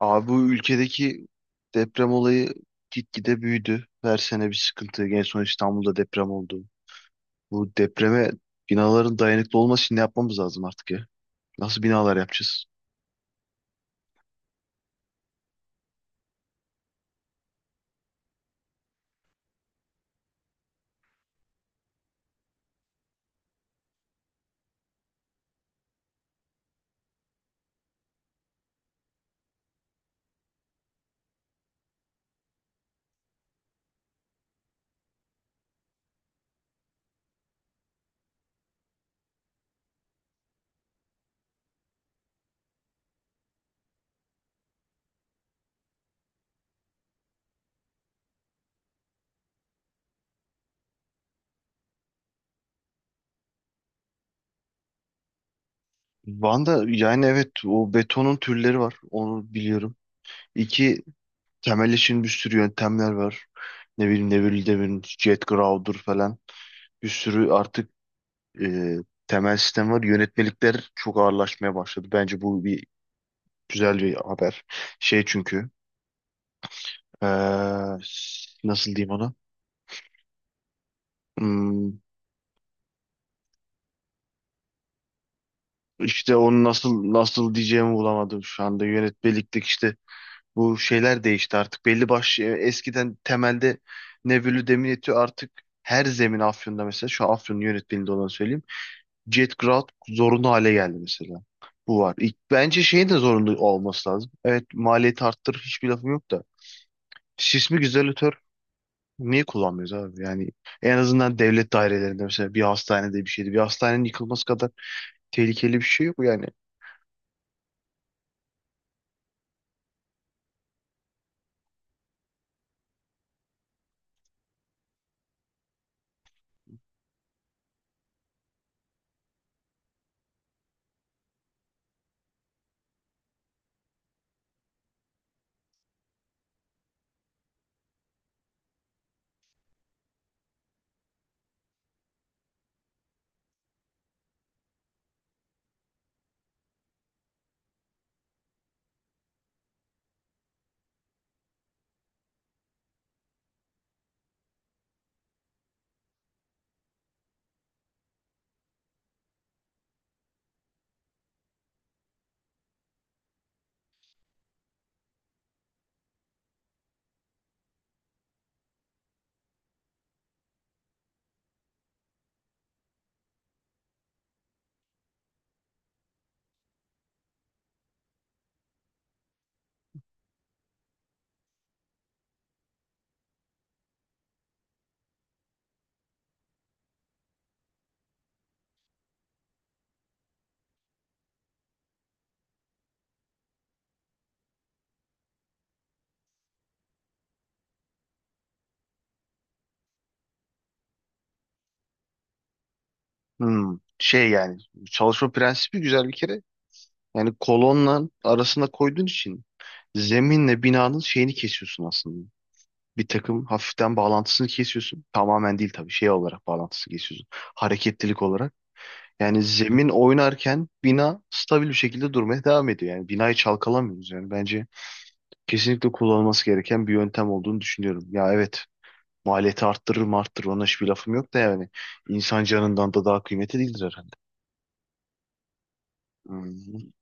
Abi bu ülkedeki deprem olayı gitgide büyüdü. Her sene bir sıkıntı. En son İstanbul'da deprem oldu. Bu depreme binaların dayanıklı olması için ne yapmamız lazım artık ya? Nasıl binalar yapacağız? Van'da yani evet, o betonun türleri var. Onu biliyorum. İki temel için bir sürü yöntemler var. Ne bileyim Neville Demir'in jet ground'dur falan. Bir sürü artık e, temel sistem var. Yönetmelikler çok ağırlaşmaya başladı. Bence bu bir güzel bir haber. Şey, çünkü Ee, nasıl diyeyim ona? Hmm, işte onu nasıl diyeceğimi bulamadım şu anda. Yönetmeliklik işte bu şeyler değişti artık. Belli başlı eskiden temelde Nebulü Demireti artık her zemin Afyon'da mesela şu an Afyon'un yönetmeliğinde olanı söyleyeyim. Jet Ground zorunlu hale geldi mesela. Bu var. İlk, bence şeyin de zorunlu olması lazım. Evet, maliyeti arttır hiçbir lafım yok da. Sismik izolatör niye kullanmıyoruz abi? Yani en azından devlet dairelerinde mesela bir hastanede bir şeydi. Bir hastanenin yıkılması kadar tehlikeli bir şey yok yani. Hmm, şey yani çalışma prensibi güzel bir kere. Yani kolonla arasına koyduğun için zeminle binanın şeyini kesiyorsun aslında. Bir takım hafiften bağlantısını kesiyorsun. Tamamen değil tabii, şey olarak bağlantısını kesiyorsun. Hareketlilik olarak. Yani zemin oynarken bina stabil bir şekilde durmaya devam ediyor. Yani binayı çalkalamıyoruz yani. Bence kesinlikle kullanılması gereken bir yöntem olduğunu düşünüyorum. Ya evet, maliyeti arttırır mı arttırır, ona hiçbir lafım yok da yani insan canından da daha kıymetli değildir herhalde. Hmm.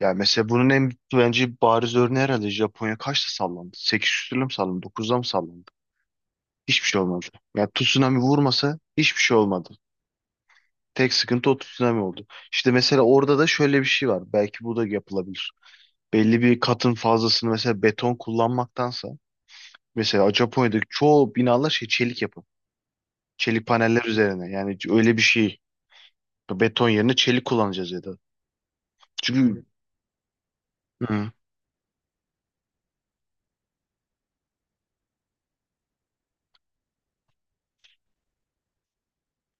Ya mesela bunun en bence bariz örneği herhalde Japonya kaçta sallandı? 8 küsürle mi sallandı? 9'da mı sallandı? Hiçbir şey olmadı. Ya tsunami vurmasa hiçbir şey olmadı. Tek sıkıntı o tsunami oldu. İşte mesela orada da şöyle bir şey var. Belki bu da yapılabilir. Belli bir katın fazlasını mesela beton kullanmaktansa mesela Japonya'daki çoğu binalar şey çelik yapı. Çelik paneller üzerine. Yani öyle bir şey. Beton yerine çelik kullanacağız ya da. Çünkü hı,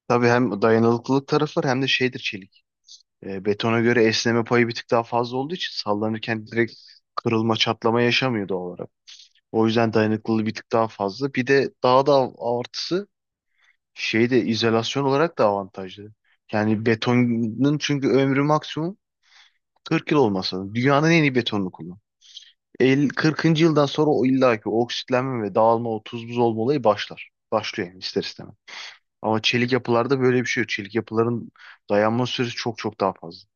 tabii hem dayanıklılık tarafı var hem de şeydir çelik. Betona göre esneme payı bir tık daha fazla olduğu için sallanırken direkt kırılma, çatlama yaşamıyor doğal olarak. O yüzden dayanıklılığı bir tık daha fazla. Bir de daha da artısı şeyde izolasyon olarak da avantajlı. Yani betonun çünkü ömrü maksimum 40 yıl olmasa da dünyanın en iyi betonunu kullan. 50, 40'ıncı yıldan sonra o illaki oksitlenme ve dağılma, o tuz buz olma olayı başlar. Başlıyor yani ister istemez. Ama çelik yapılarda böyle bir şey yok. Çelik yapıların dayanma süresi çok çok daha fazla.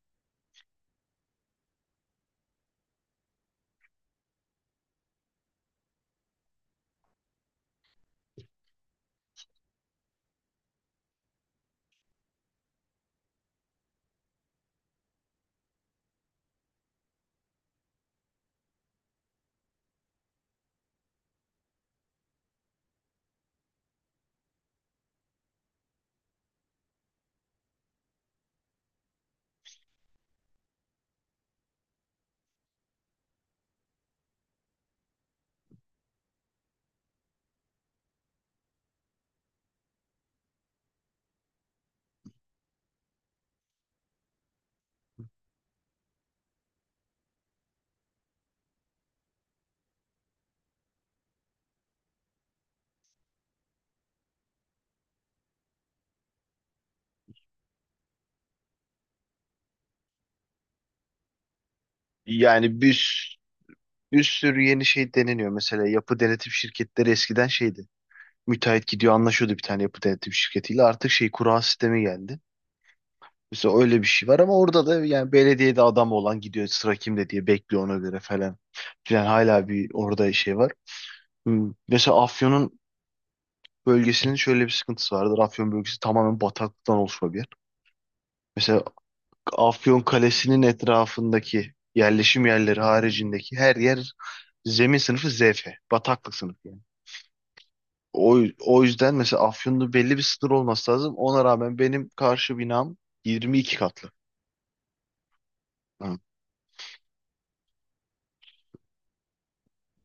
Yani bir bir sürü yeni şey deneniyor. Mesela yapı denetim şirketleri eskiden şeydi. Müteahhit gidiyor anlaşıyordu bir tane yapı denetim şirketiyle. Artık şey kura sistemi geldi. Mesela öyle bir şey var ama orada da yani belediyede adam olan gidiyor sıra kimde diye bekliyor ona göre falan. Yani hala bir orada şey var. Hmm. Mesela Afyon'un bölgesinin şöyle bir sıkıntısı vardır. Afyon bölgesi tamamen bataklıktan oluşma bir yer. Mesela Afyon Kalesi'nin etrafındaki yerleşim yerleri haricindeki her yer zemin sınıfı ZF. Bataklık sınıfı yani. O yüzden mesela Afyon'da belli bir sınır olması lazım. Ona rağmen benim karşı binam 22 katlı. Ha,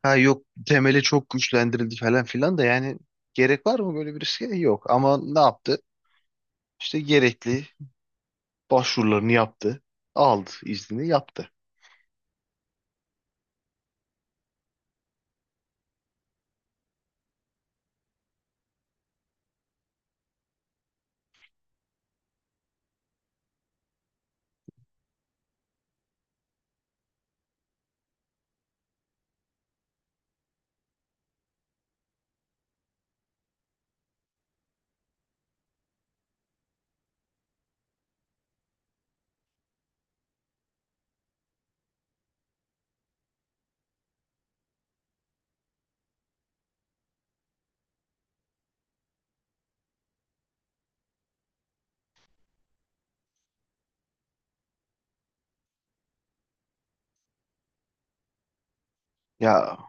Ha, yok temeli çok güçlendirildi falan filan da yani gerek var mı böyle bir riske? Yok. Ama ne yaptı? İşte gerekli başvurularını yaptı. Aldı iznini yaptı. Ya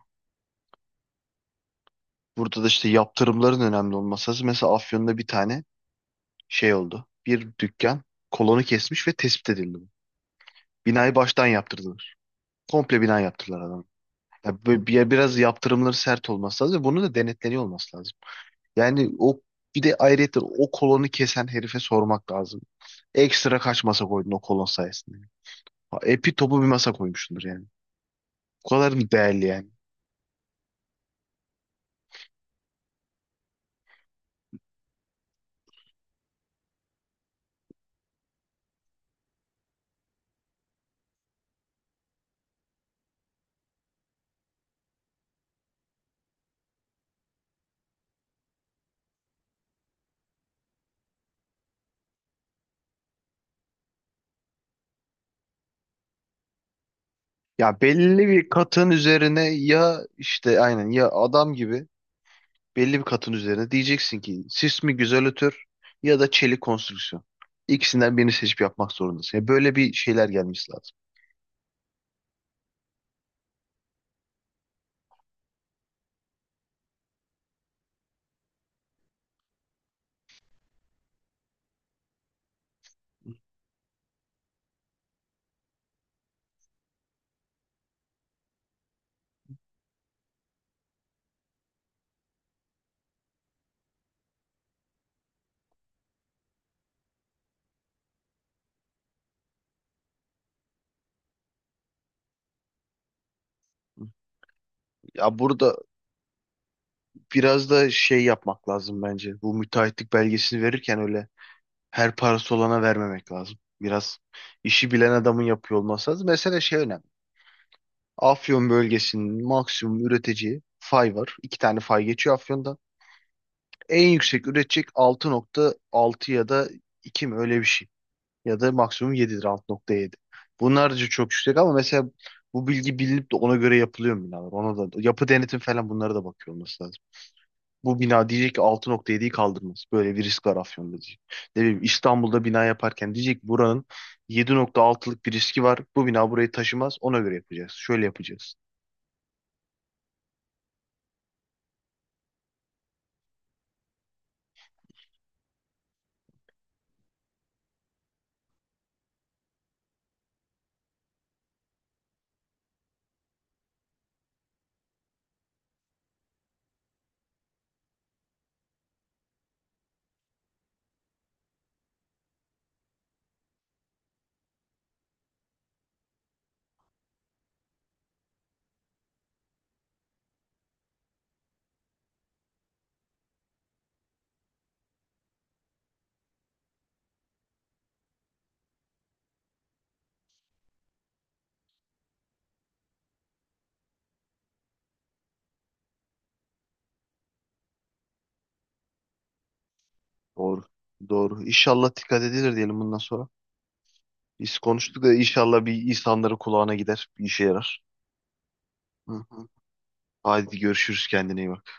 burada da işte yaptırımların önemli olması lazım. Mesela Afyon'da bir tane şey oldu. Bir dükkan kolonu kesmiş ve tespit edildi bu. Binayı baştan yaptırdılar. Komple bina yaptırdılar. Ya böyle biraz yaptırımları sert olması lazım ve bunun da denetleniyor olması lazım. Yani o, bir de ayrıca o kolonu kesen herife sormak lazım. Ekstra kaç masa koydun o kolon sayesinde? Ha, epi topu bir masa koymuşsundur yani. O kadar mı değerli yani? Ya belli bir katın üzerine, ya işte aynen ya adam gibi belli bir katın üzerine diyeceksin ki sis mi güzelötür ya da çelik konstrüksiyon. İkisinden birini seçip yapmak zorundasın. Ya böyle bir şeyler gelmesi lazım. Ya burada biraz da şey yapmak lazım bence. Bu müteahhitlik belgesini verirken öyle her parası olana vermemek lazım. Biraz işi bilen adamın yapıyor olması lazım. Mesela şey önemli. Afyon bölgesinin maksimum üreteceği fay var. İki tane fay geçiyor Afyon'dan. En yüksek üretecek 6.6 ya da 2 mi öyle bir şey. Ya da maksimum 7'dir, 6.7. Bunlar da çok yüksek ama mesela bu bilgi bilinip de ona göre yapılıyor mu binalar? Ona da yapı denetim falan bunlara da bakıyor olması lazım. Bu bina diyecek ki 6.7'yi kaldırmaz. Böyle bir risk var Afyon'da diyecek. Ne bileyim İstanbul'da bina yaparken diyecek ki buranın 7.6'lık bir riski var. Bu bina burayı taşımaz. Ona göre yapacağız. Şöyle yapacağız. Doğru. Doğru. İnşallah dikkat edilir diyelim bundan sonra. Biz konuştuk da inşallah bir insanların kulağına gider. Bir işe yarar. Hı hı. Haydi görüşürüz, kendine iyi bak.